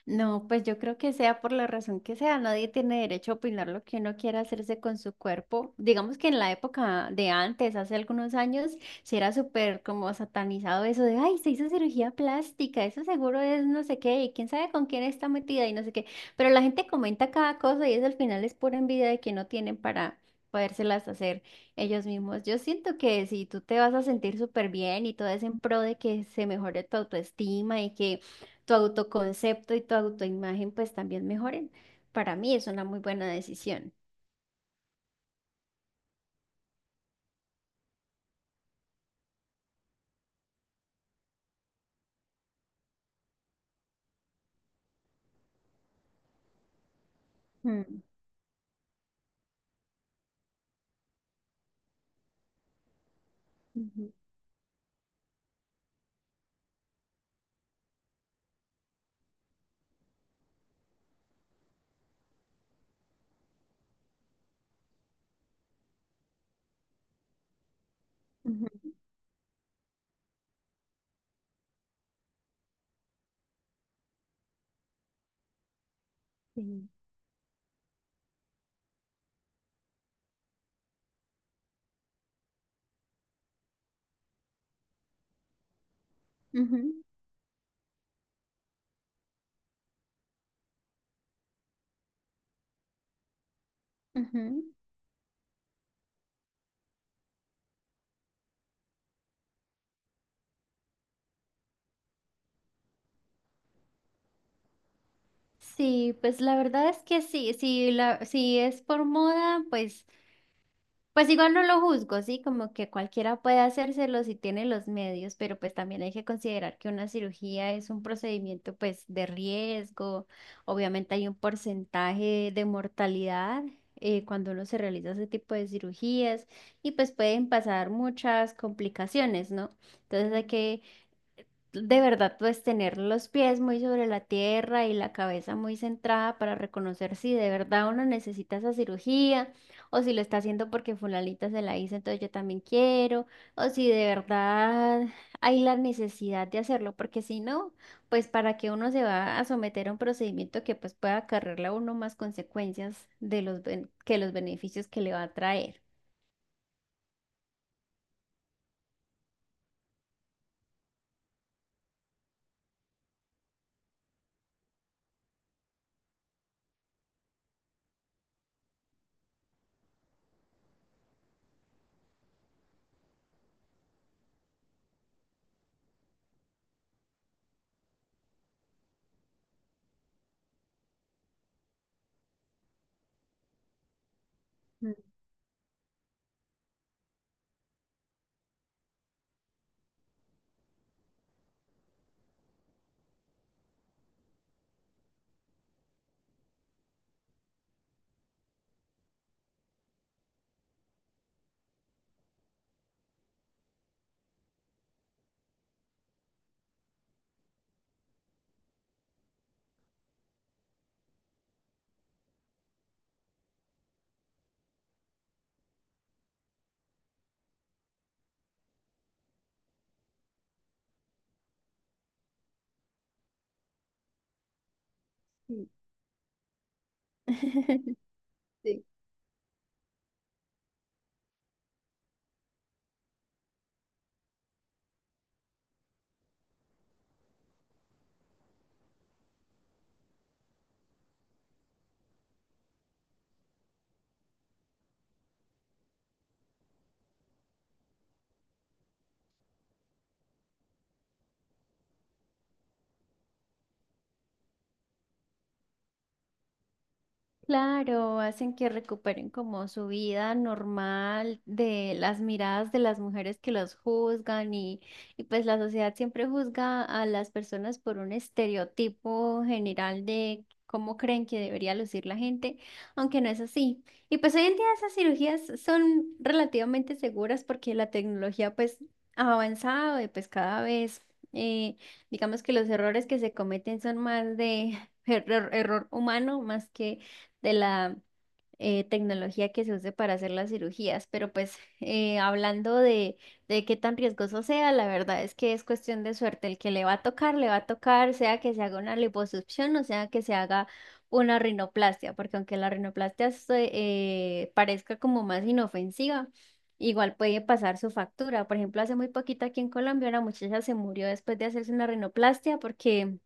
No, pues yo creo que sea por la razón que sea, nadie tiene derecho a opinar lo que uno quiera hacerse con su cuerpo. Digamos que en la época de antes, hace algunos años, sí era súper como satanizado eso de, ay, se hizo cirugía plástica, eso seguro es no sé qué, y quién sabe con quién está metida y no sé qué. Pero la gente comenta cada cosa y eso al final es pura envidia de que no tienen para podérselas hacer ellos mismos. Yo siento que si tú te vas a sentir súper bien y todo es en pro de que se mejore tu autoestima y que tu autoconcepto y tu autoimagen pues también mejoren. Para mí es una muy buena decisión. Mm, ujú, ujú, sí. Ujú, ujú. Sí, pues la verdad es que sí, si es por moda, pues pues igual no lo juzgo, sí, como que cualquiera puede hacérselo si tiene los medios, pero pues también hay que considerar que una cirugía es un procedimiento pues de riesgo, obviamente hay un porcentaje de mortalidad cuando uno se realiza ese tipo de cirugías y pues pueden pasar muchas complicaciones, ¿no? Entonces hay que de verdad, pues tener los pies muy sobre la tierra y la cabeza muy centrada para reconocer si de verdad uno necesita esa cirugía o si lo está haciendo porque fulanita se la hizo, entonces yo también quiero, o si de verdad hay la necesidad de hacerlo, porque si no, pues para que uno se va a someter a un procedimiento que pues pueda acarrearle a uno más consecuencias de los que los beneficios que le va a traer. Mm, sí. Sí. Claro, hacen que recuperen como su vida normal de las miradas de las mujeres que los juzgan y pues la sociedad siempre juzga a las personas por un estereotipo general de cómo creen que debería lucir la gente, aunque no es así. Y pues hoy en día esas cirugías son relativamente seguras porque la tecnología pues ha avanzado y pues cada vez eh, digamos que los errores que se cometen son más de error humano más que de la tecnología que se use para hacer las cirugías. Pero pues hablando de qué tan riesgoso sea, la verdad es que es cuestión de suerte. El que le va a tocar, le va a tocar, sea que se haga una liposucción o sea que se haga una rinoplastia, porque aunque la rinoplastia parezca como más inofensiva, igual puede pasar su factura. Por ejemplo, hace muy poquito aquí en Colombia una muchacha se murió después de hacerse una rinoplastia porque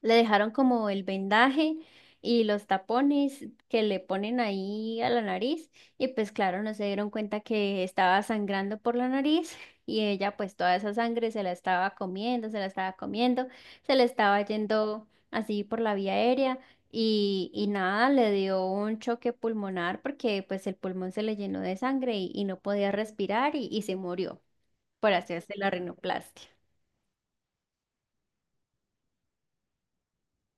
le dejaron como el vendaje y los tapones que le ponen ahí a la nariz y pues claro, no se dieron cuenta que estaba sangrando por la nariz y ella pues toda esa sangre se la estaba comiendo, se la estaba comiendo, se le estaba yendo así por la vía aérea y nada, le dio un choque pulmonar porque pues el pulmón se le llenó de sangre y no podía respirar y se murió por hacerse la rinoplastia.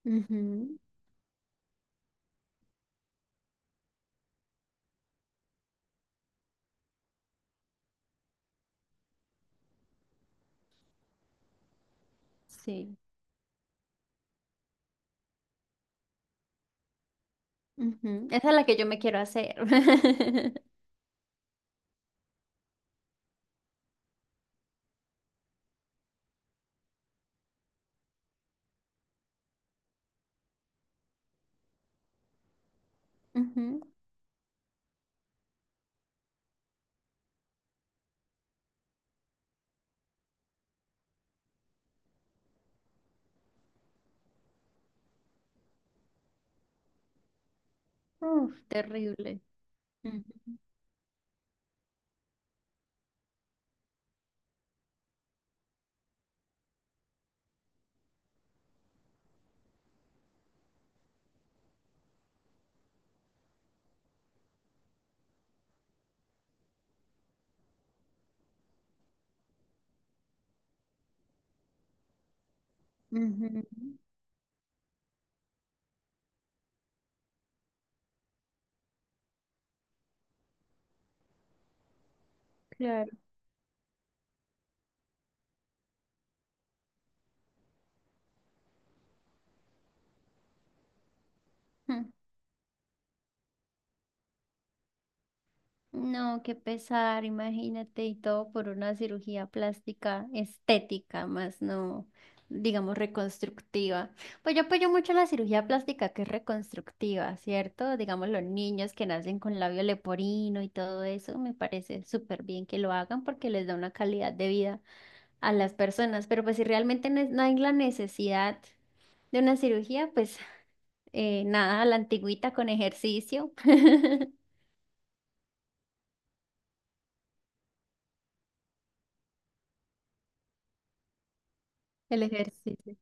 Ujú, sí. Ujú, esa es la que yo me quiero hacer. Ujú, uf, terrible. Ujú, ujú, claro. Mm, no, qué pesar, imagínate, y todo por una cirugía plástica estética, más no, digamos, reconstructiva. Pues yo apoyo mucho la cirugía plástica que es reconstructiva, ¿cierto? Digamos, los niños que nacen con labio leporino y todo eso, me parece súper bien que lo hagan porque les da una calidad de vida a las personas, pero pues si realmente no, no hay la necesidad de una cirugía, pues nada, a la antigüita con ejercicio. El ejercicio.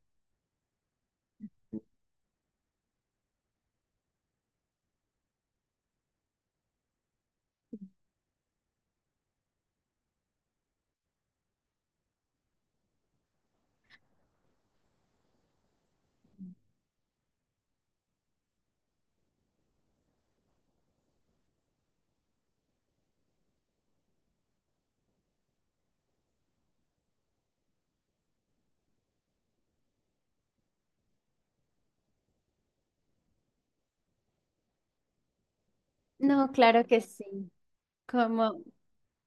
No, claro que sí. Como,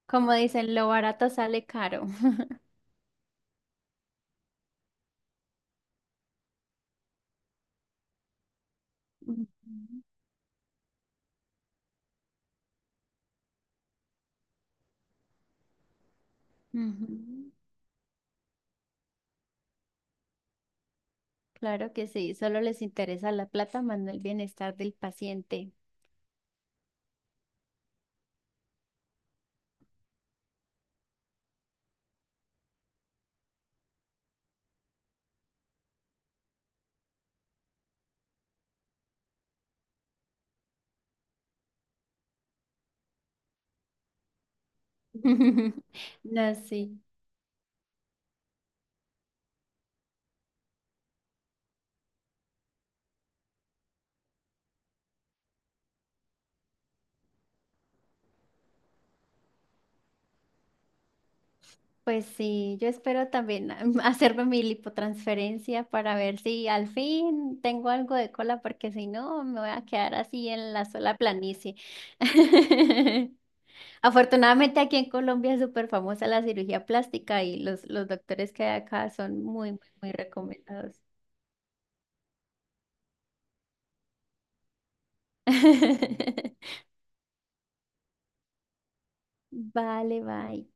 como dicen, lo barato sale caro. Ujú, ujú. Claro que sí, solo les interesa la plata, más no el bienestar del paciente. No, sí. Pues sí, yo espero también ah, hacerme mi lipotransferencia para ver si al fin tengo algo de cola, porque si no me voy a quedar así en la sola planicie. Afortunadamente aquí en Colombia es súper famosa la cirugía plástica y los doctores que hay acá son muy, muy, muy recomendados. Vale, bye.